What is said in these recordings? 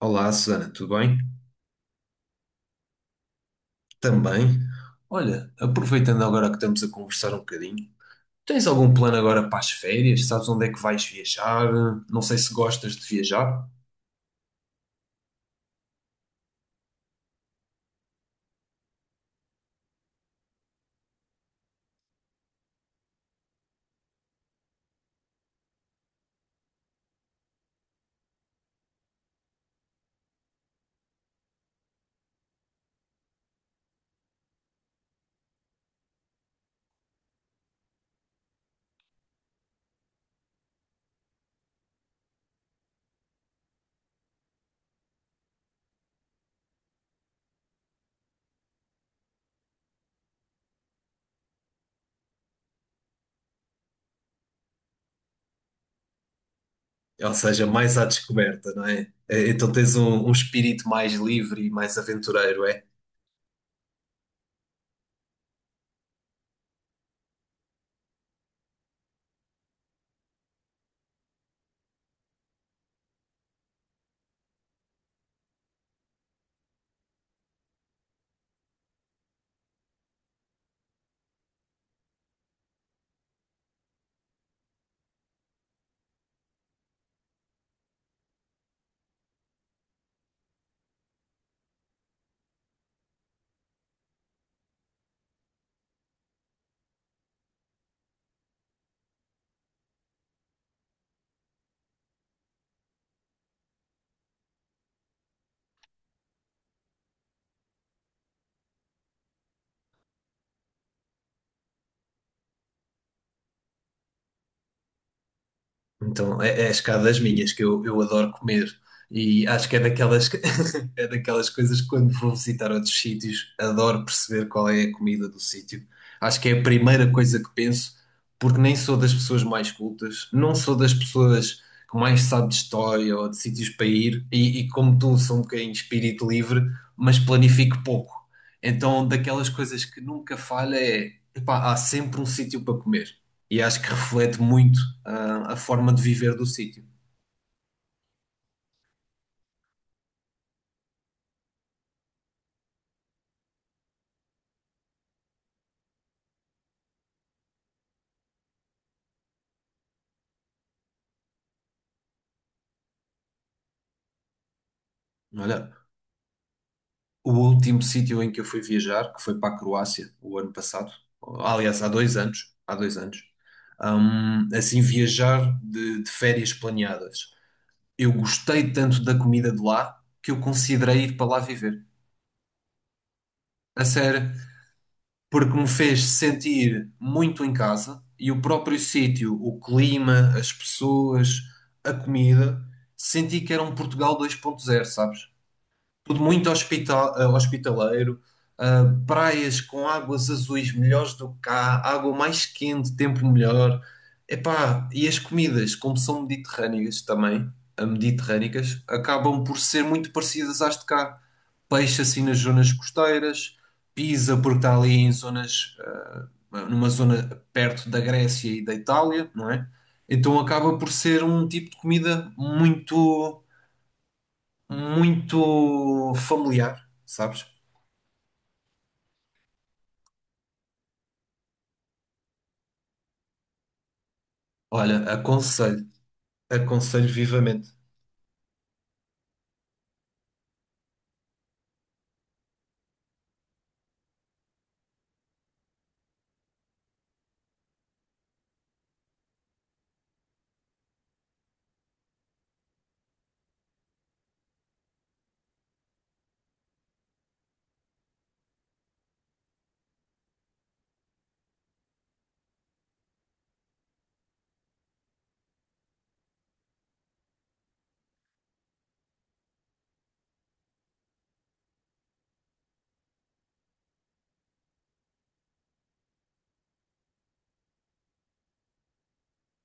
Olá, Susana, tudo bem? Também. Olha, aproveitando agora que estamos a conversar um bocadinho, tens algum plano agora para as férias? Sabes onde é que vais viajar? Não sei se gostas de viajar. Ou seja, mais à descoberta, não é? Então tens um espírito mais livre e mais aventureiro, é? Então, é, é a escada das minhas, que eu adoro comer. E acho que é daquelas, que- é daquelas coisas que quando vou visitar outros sítios, adoro perceber qual é a comida do sítio. Acho que é a primeira coisa que penso, porque nem sou das pessoas mais cultas, não sou das pessoas que mais sabe de história ou de sítios para ir, e como tu, sou um bocadinho de espírito livre, mas planifico pouco. Então, daquelas coisas que nunca falha é, epá, há sempre um sítio para comer e acho que reflete muito a forma de viver do sítio. Olha, o último sítio em que eu fui viajar, que foi para a Croácia o ano passado, aliás, há dois anos, assim, viajar de férias planeadas. Eu gostei tanto da comida de lá que eu considerei ir para lá viver. A sério, porque me fez sentir muito em casa e o próprio sítio, o clima, as pessoas, a comida, senti que era um Portugal dois ponto zero, sabes? Tudo muito hospital, hospitaleiro, praias com águas azuis melhores do que cá, água mais quente, tempo melhor. Epá, e as comidas, como são mediterrâneas também, mediterrânicas, acabam por ser muito parecidas às de cá. Peixe assim nas zonas costeiras, Pisa porque está ali em zonas, numa zona perto da Grécia e da Itália, não é? Então acaba por ser um tipo de comida muito muito familiar, sabes? Olha, aconselho, aconselho vivamente.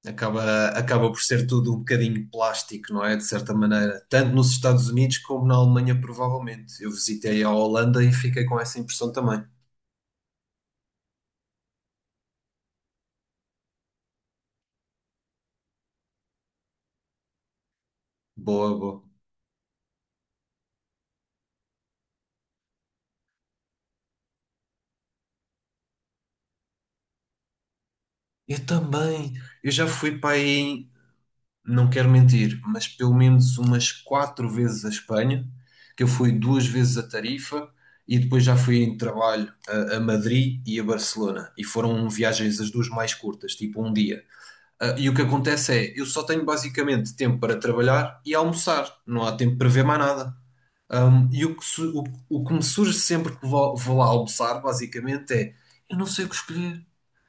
Acaba, acaba por ser tudo um bocadinho plástico, não é? De certa maneira, tanto nos Estados Unidos como na Alemanha, provavelmente. Eu visitei a Holanda e fiquei com essa impressão também. Boa, boa. Eu também. Eu já fui para aí. Não quero mentir, mas pelo menos umas quatro vezes a Espanha, que eu fui duas vezes a Tarifa e depois já fui em trabalho a Madrid e a Barcelona. E foram viagens as duas mais curtas, tipo um dia. Ah, e o que acontece é, eu só tenho basicamente tempo para trabalhar e almoçar, não há tempo para ver mais nada. E o que, su- o que me surge sempre que vou, vou lá almoçar, basicamente, é eu não sei o que escolher.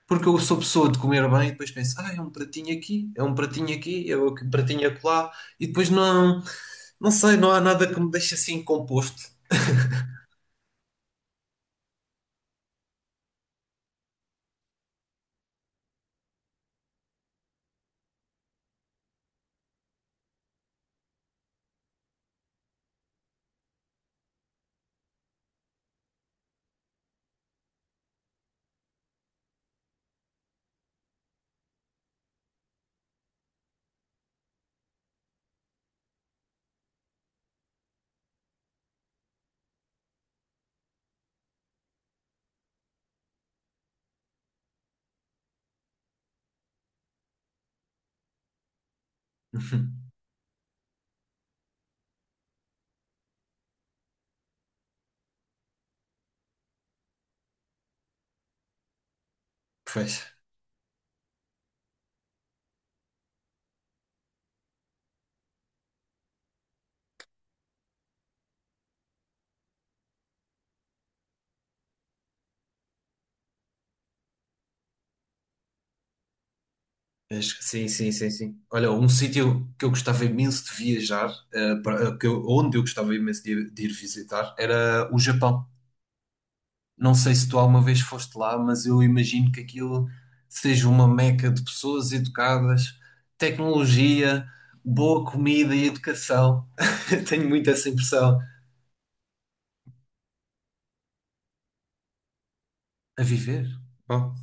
Porque eu sou pessoa de comer bem e depois penso, ah, é um pratinho aqui, é um pratinho aqui, é um pratinho acolá, e depois não, não sei, não há nada que me deixe assim composto. Pois, mas sim, sim, sim, sim. Olha, um sítio que eu gostava imenso de viajar, para- que eu- onde eu gostava imenso de ir visitar, era o Japão. Não sei se tu alguma vez foste lá, mas eu imagino que aquilo seja uma meca de pessoas educadas, tecnologia, boa comida e educação. Tenho muito essa impressão. A viver? Bom,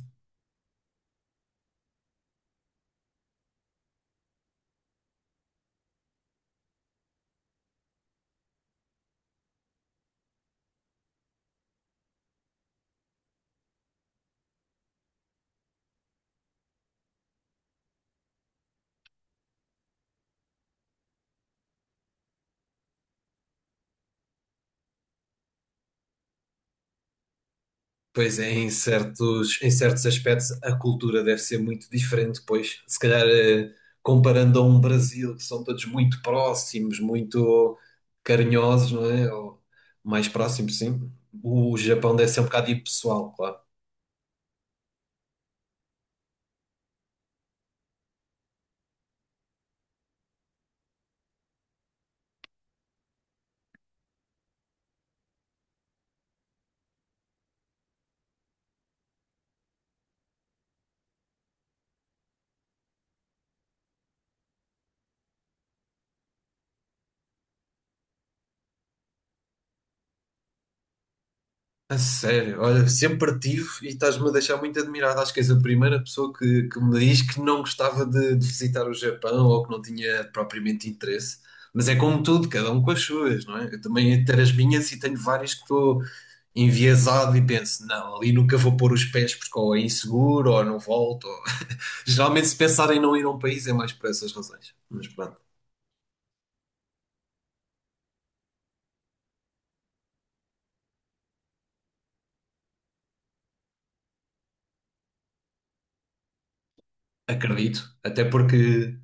pois é, em certos aspectos a cultura deve ser muito diferente, pois se calhar comparando a um Brasil, que são todos muito próximos, muito carinhosos, não é? Ou mais próximos, sim. O Japão deve ser um bocado impessoal, claro. A sério, olha, sempre tive e estás-me a deixar muito admirado. Acho que és a primeira pessoa que me diz que não gostava de visitar o Japão ou que não tinha propriamente interesse. Mas é como tudo, cada um com as suas, não é? Eu também tenho as minhas e tenho várias que estou enviesado e penso, não, ali nunca vou pôr os pés porque ou é inseguro ou não volto. Ou- geralmente, se pensar em não ir a um país é mais por essas razões. Mas pronto, acredito. Até porque,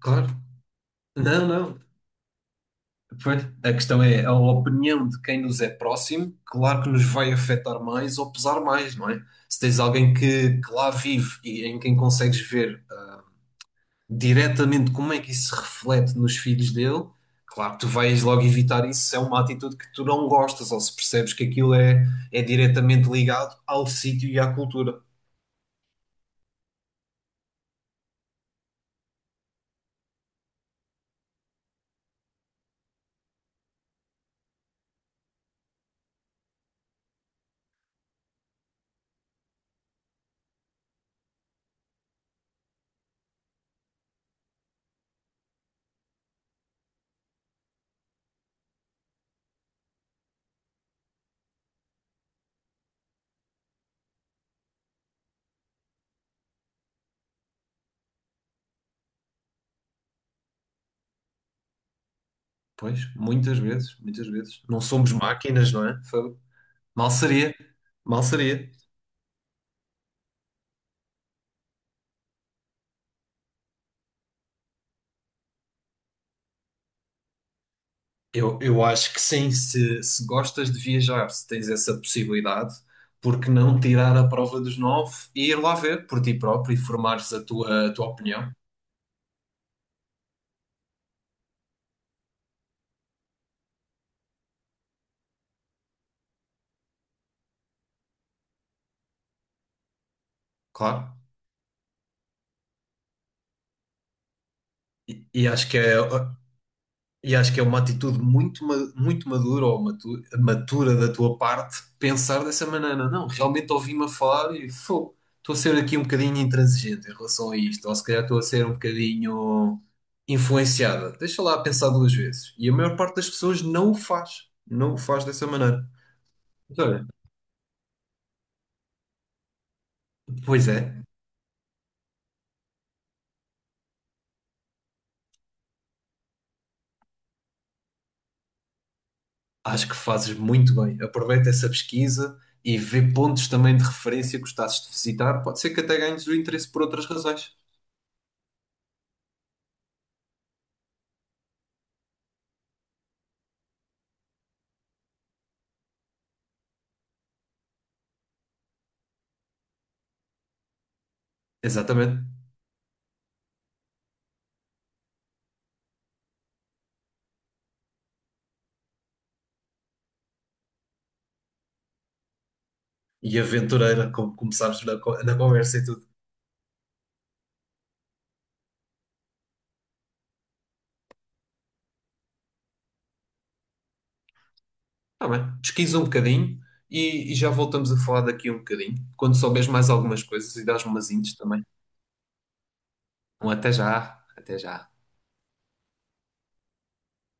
claro, não, não. Pois, a questão é, a opinião de quem nos é próximo, claro que nos vai afetar mais ou pesar mais, não é? Se tens alguém que lá vive e em quem consegues ver diretamente como é que isso se reflete nos filhos dele, claro que tu vais logo evitar isso se é uma atitude que tu não gostas ou se percebes que aquilo é, é diretamente ligado ao sítio e à cultura. Pois, muitas vezes, muitas vezes. Não somos máquinas, não é? Fogo. Mal seria, mal seria. Eu acho que sim, se gostas de viajar, se tens essa possibilidade, porque não tirar a prova dos nove e ir lá ver por ti próprio e formares a tua opinião, claro. E acho que é, e acho que é uma atitude muito, ma- muito madura ou matu- matura da tua parte pensar dessa maneira. Não, realmente ouvi-me a falar e fô, estou a ser aqui um bocadinho intransigente em relação a isto, ou se calhar estou a ser um bocadinho influenciada. Deixa lá pensar duas vezes. E a maior parte das pessoas não o faz, não o faz dessa maneira. Mas olha, pois é, acho que fazes muito bem. Aproveita essa pesquisa e vê pontos também de referência que gostasses de visitar. Pode ser que até ganhes o interesse por outras razões. Exatamente. E aventureira, como começámos na, co- na conversa e tudo. Tá bem, pesquisa um bocadinho e já voltamos a falar daqui um bocadinho. Quando souberes mais algumas coisas e dás-me umas hints também. Um até já, até já.